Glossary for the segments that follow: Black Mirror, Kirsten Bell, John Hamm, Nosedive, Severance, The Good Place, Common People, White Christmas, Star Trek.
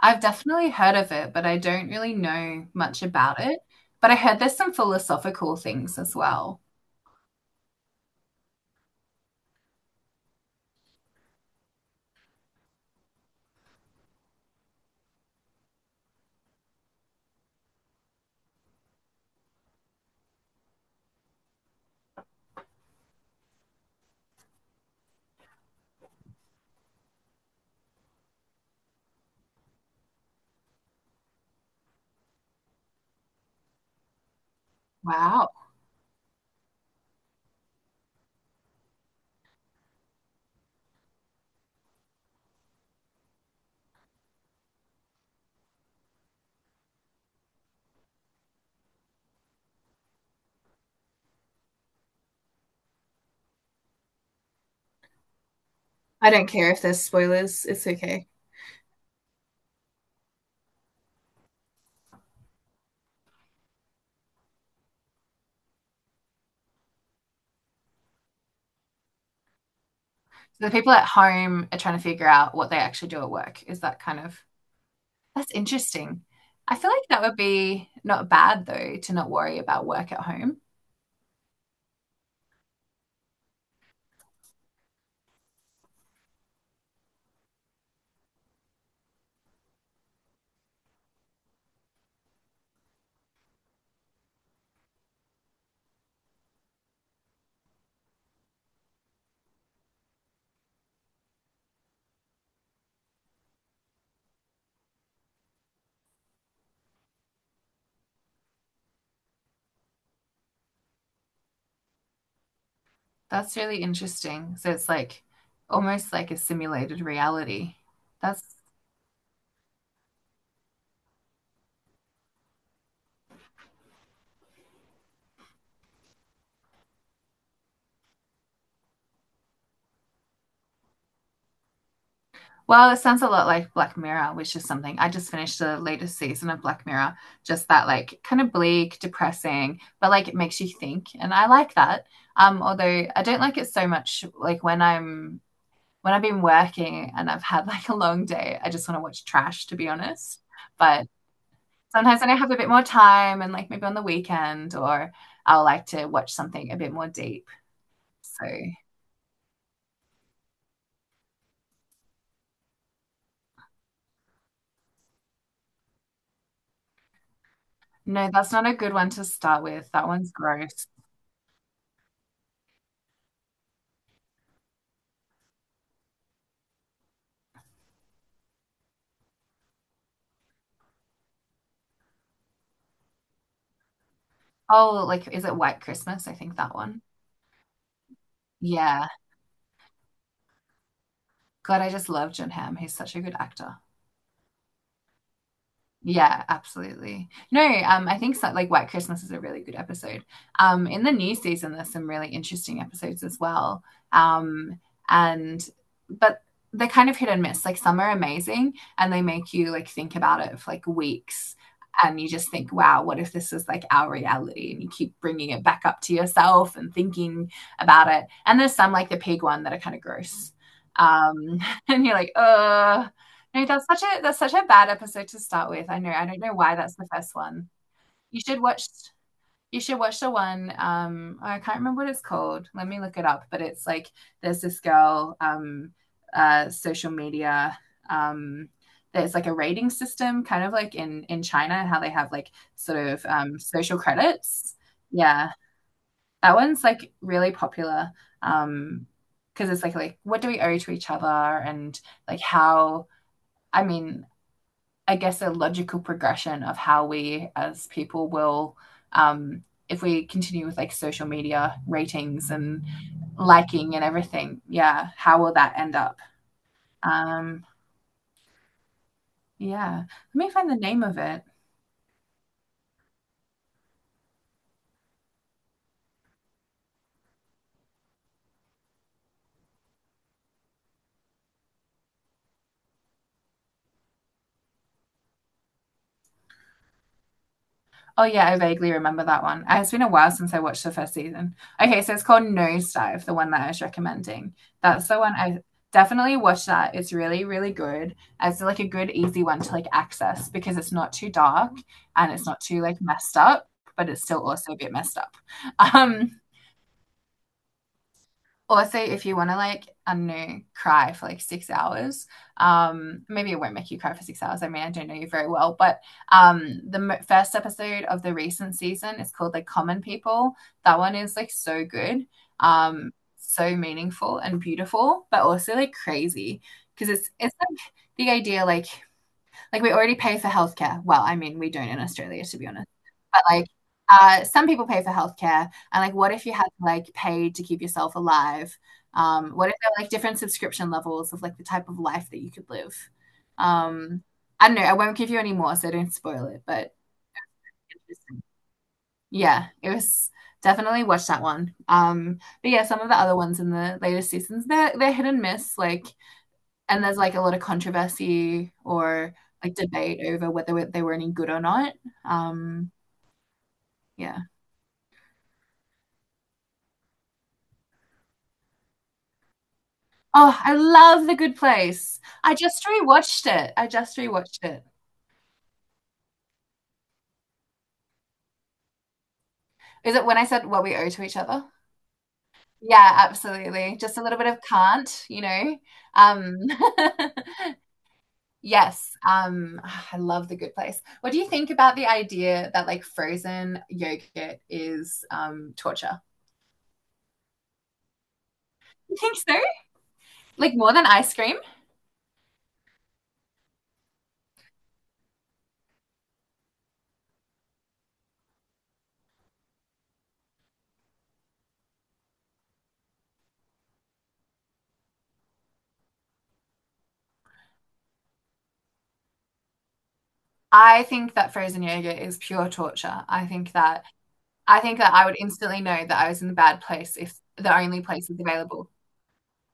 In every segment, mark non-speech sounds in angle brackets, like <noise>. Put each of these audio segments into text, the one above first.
I've definitely heard of it, but I don't really know much about it. But I heard there's some philosophical things as well. Wow. I don't care if there's spoilers. It's okay. So the people at home are trying to figure out what they actually do at work. Is that kind of that's interesting. I feel like that would be not bad though to not worry about work at home. That's really interesting. So it's like almost like a simulated reality. That's well, it sounds a lot like Black Mirror, which is something I just finished the latest season of Black Mirror. Just that, like, kind of bleak, depressing, but like it makes you think, and I like that. Although I don't like it so much, like when I've been working and I've had like a long day, I just want to watch trash, to be honest. But sometimes when I have a bit more time, and like maybe on the weekend, or I'll like to watch something a bit more deep. So no, that's not a good one to start with. That one's gross. Oh, like is it White Christmas? I think that one. Yeah. God, I just love John Hamm. He's such a good actor. Yeah, absolutely. No, I think so, like White Christmas is a really good episode. In the new season, there's some really interesting episodes as well. Um, and but they're kind of hit and miss. Like some are amazing, and they make you like think about it for like weeks, and you just think, wow, what if this was like our reality? And you keep bringing it back up to yourself and thinking about it. And there's some like the pig one that are kind of gross. Um, <laughs> and you're like, no, that's such a bad episode to start with. I know. I don't know why that's the first one. You should watch you should watch the one I can't remember what it's called. Let me look it up, but it's like there's this girl social media um there's like a rating system kind of like in China how they have like sort of social credits. Yeah. That one's like really popular um because it's like what do we owe to each other and like how I mean I guess, a logical progression of how we as people will, um, if we continue with like social media ratings and liking and everything, yeah, how will that end up? Um, yeah, let me find the name of it. Oh yeah, I vaguely remember that one. It's been a while since I watched the first season. Okay, so it's called Nosedive, the one that I was recommending. That's the one I definitely watch that. It's really, really good. It's like a good, easy one to like access because it's not too dark and it's not too like messed up, but it's still also a bit messed up. Um, Also, if you want to like, I don't know, cry for like 6 hours, maybe it won't make you cry for 6 hours. I mean, I don't know you very well, but the first episode of the recent season is called like Common People. That one is like so good, um, so meaningful and beautiful, but also like crazy because it's like the idea like we already pay for healthcare. Well, I mean, we don't in Australia, to be honest. But like some people pay for healthcare. And like, what if you had to like pay to keep yourself alive? What if there were like different subscription levels of like the type of life that you could live? Um, I don't know. I won't give you any more, so don't spoil it. But yeah, it was definitely watch that one. But yeah, some of the other ones in the latest seasons, they're hit and miss. Like and there's like a lot of controversy or like debate over whether they were any good or not. Um, yeah. Oh, I love The Good Place. I just rewatched it. I just rewatched it. Is it when I said what we owe to each other? Yeah, absolutely. Just a little bit of can't, you know. Um, <laughs> yes, I love The Good Place. What do you think about the idea that like frozen yogurt is torture? You think so? Like more than ice cream? I think that frozen yogurt is pure torture. I think that I would instantly know that I was in the bad place if the only place is available.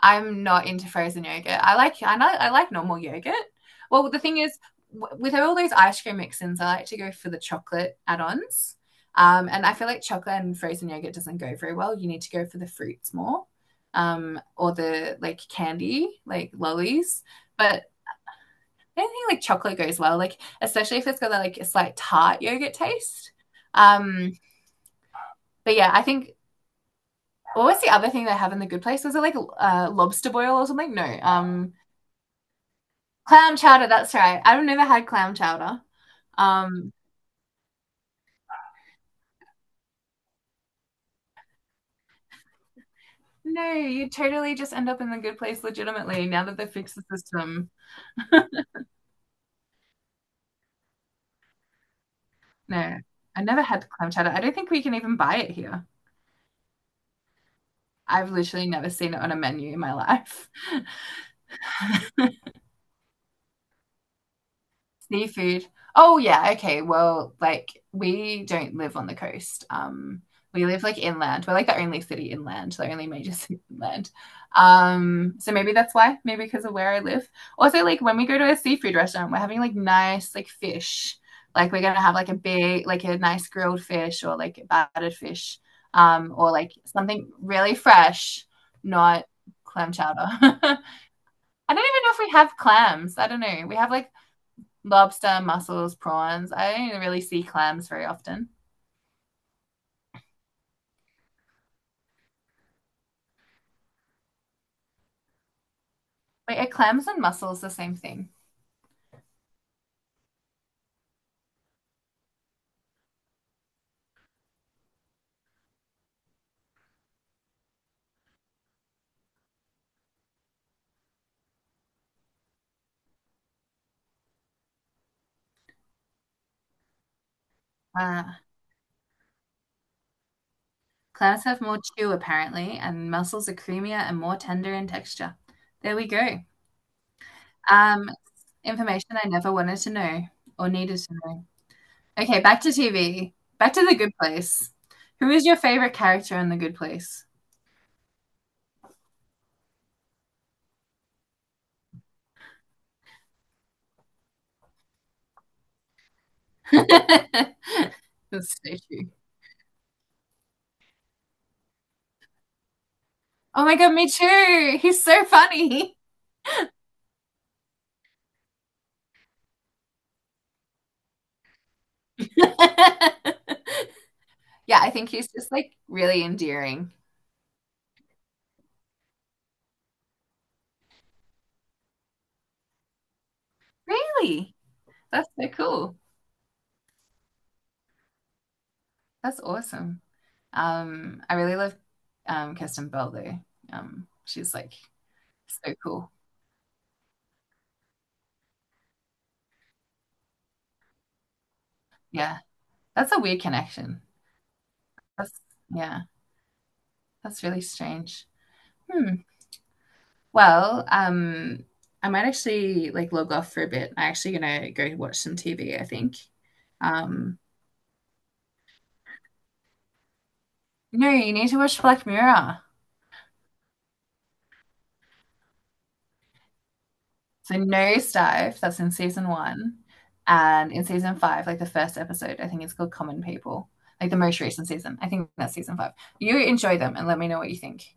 I'm not into frozen yogurt. I like normal yogurt. Well, the thing is, with all those ice cream mix-ins, I like to go for the chocolate add-ons. And I feel like chocolate and frozen yogurt doesn't go very well. You need to go for the fruits more, or the like candy, like lollies. But I don't think like chocolate goes well, like especially if it's got that like a slight tart yogurt taste. Um, but yeah, I think what was the other thing they have in the good place? Was it like lobster boil or something? No, clam chowder. That's right. I've never had clam chowder. Um, no, you totally just end up in the good place legitimately now that they fixed the system. No, I never had clam chowder. I don't think we can even buy it here. I've literally never seen it on a menu in my life. Seafood. Oh yeah, okay. Well, like we don't live on the coast. We live like inland. We're like the only city inland, the only major <laughs> city inland. So maybe that's why, maybe because of where I live. Also, like when we go to a seafood restaurant, we're having like nice like fish. Like we're gonna have like a big, like a nice grilled fish or like battered fish, or like something really fresh, not clam chowder. <laughs> I don't even know if we have clams. I don't know. We have like lobster, mussels, prawns. I don't really see clams very often. Wait, are clams and mussels the same thing? Uh, clams have more chew apparently, and mussels are creamier and more tender in texture. There we go. Um, information I never wanted to know or needed to know. Okay, back to TV. Back to The Good Place. Who is your favorite character in The Good Place? <laughs> That's so true. Oh my god, me too. He's so funny. <laughs> Yeah, I think he's just like really endearing. Really? That's so cool. That's awesome. I really love Kirsten Bell though. She's like so cool. Yeah, that's a weird connection. That's yeah, that's really strange. Hmm. Well, I might actually like log off for a bit. I'm actually gonna go watch some TV, I think. Um, no, you need to watch Black Mirror. So Nosedive, that's in season one. And in season five, like the first episode, I think it's called Common People. Like the most recent season. I think that's season five. You enjoy them and let me know what you think.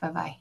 Bye bye.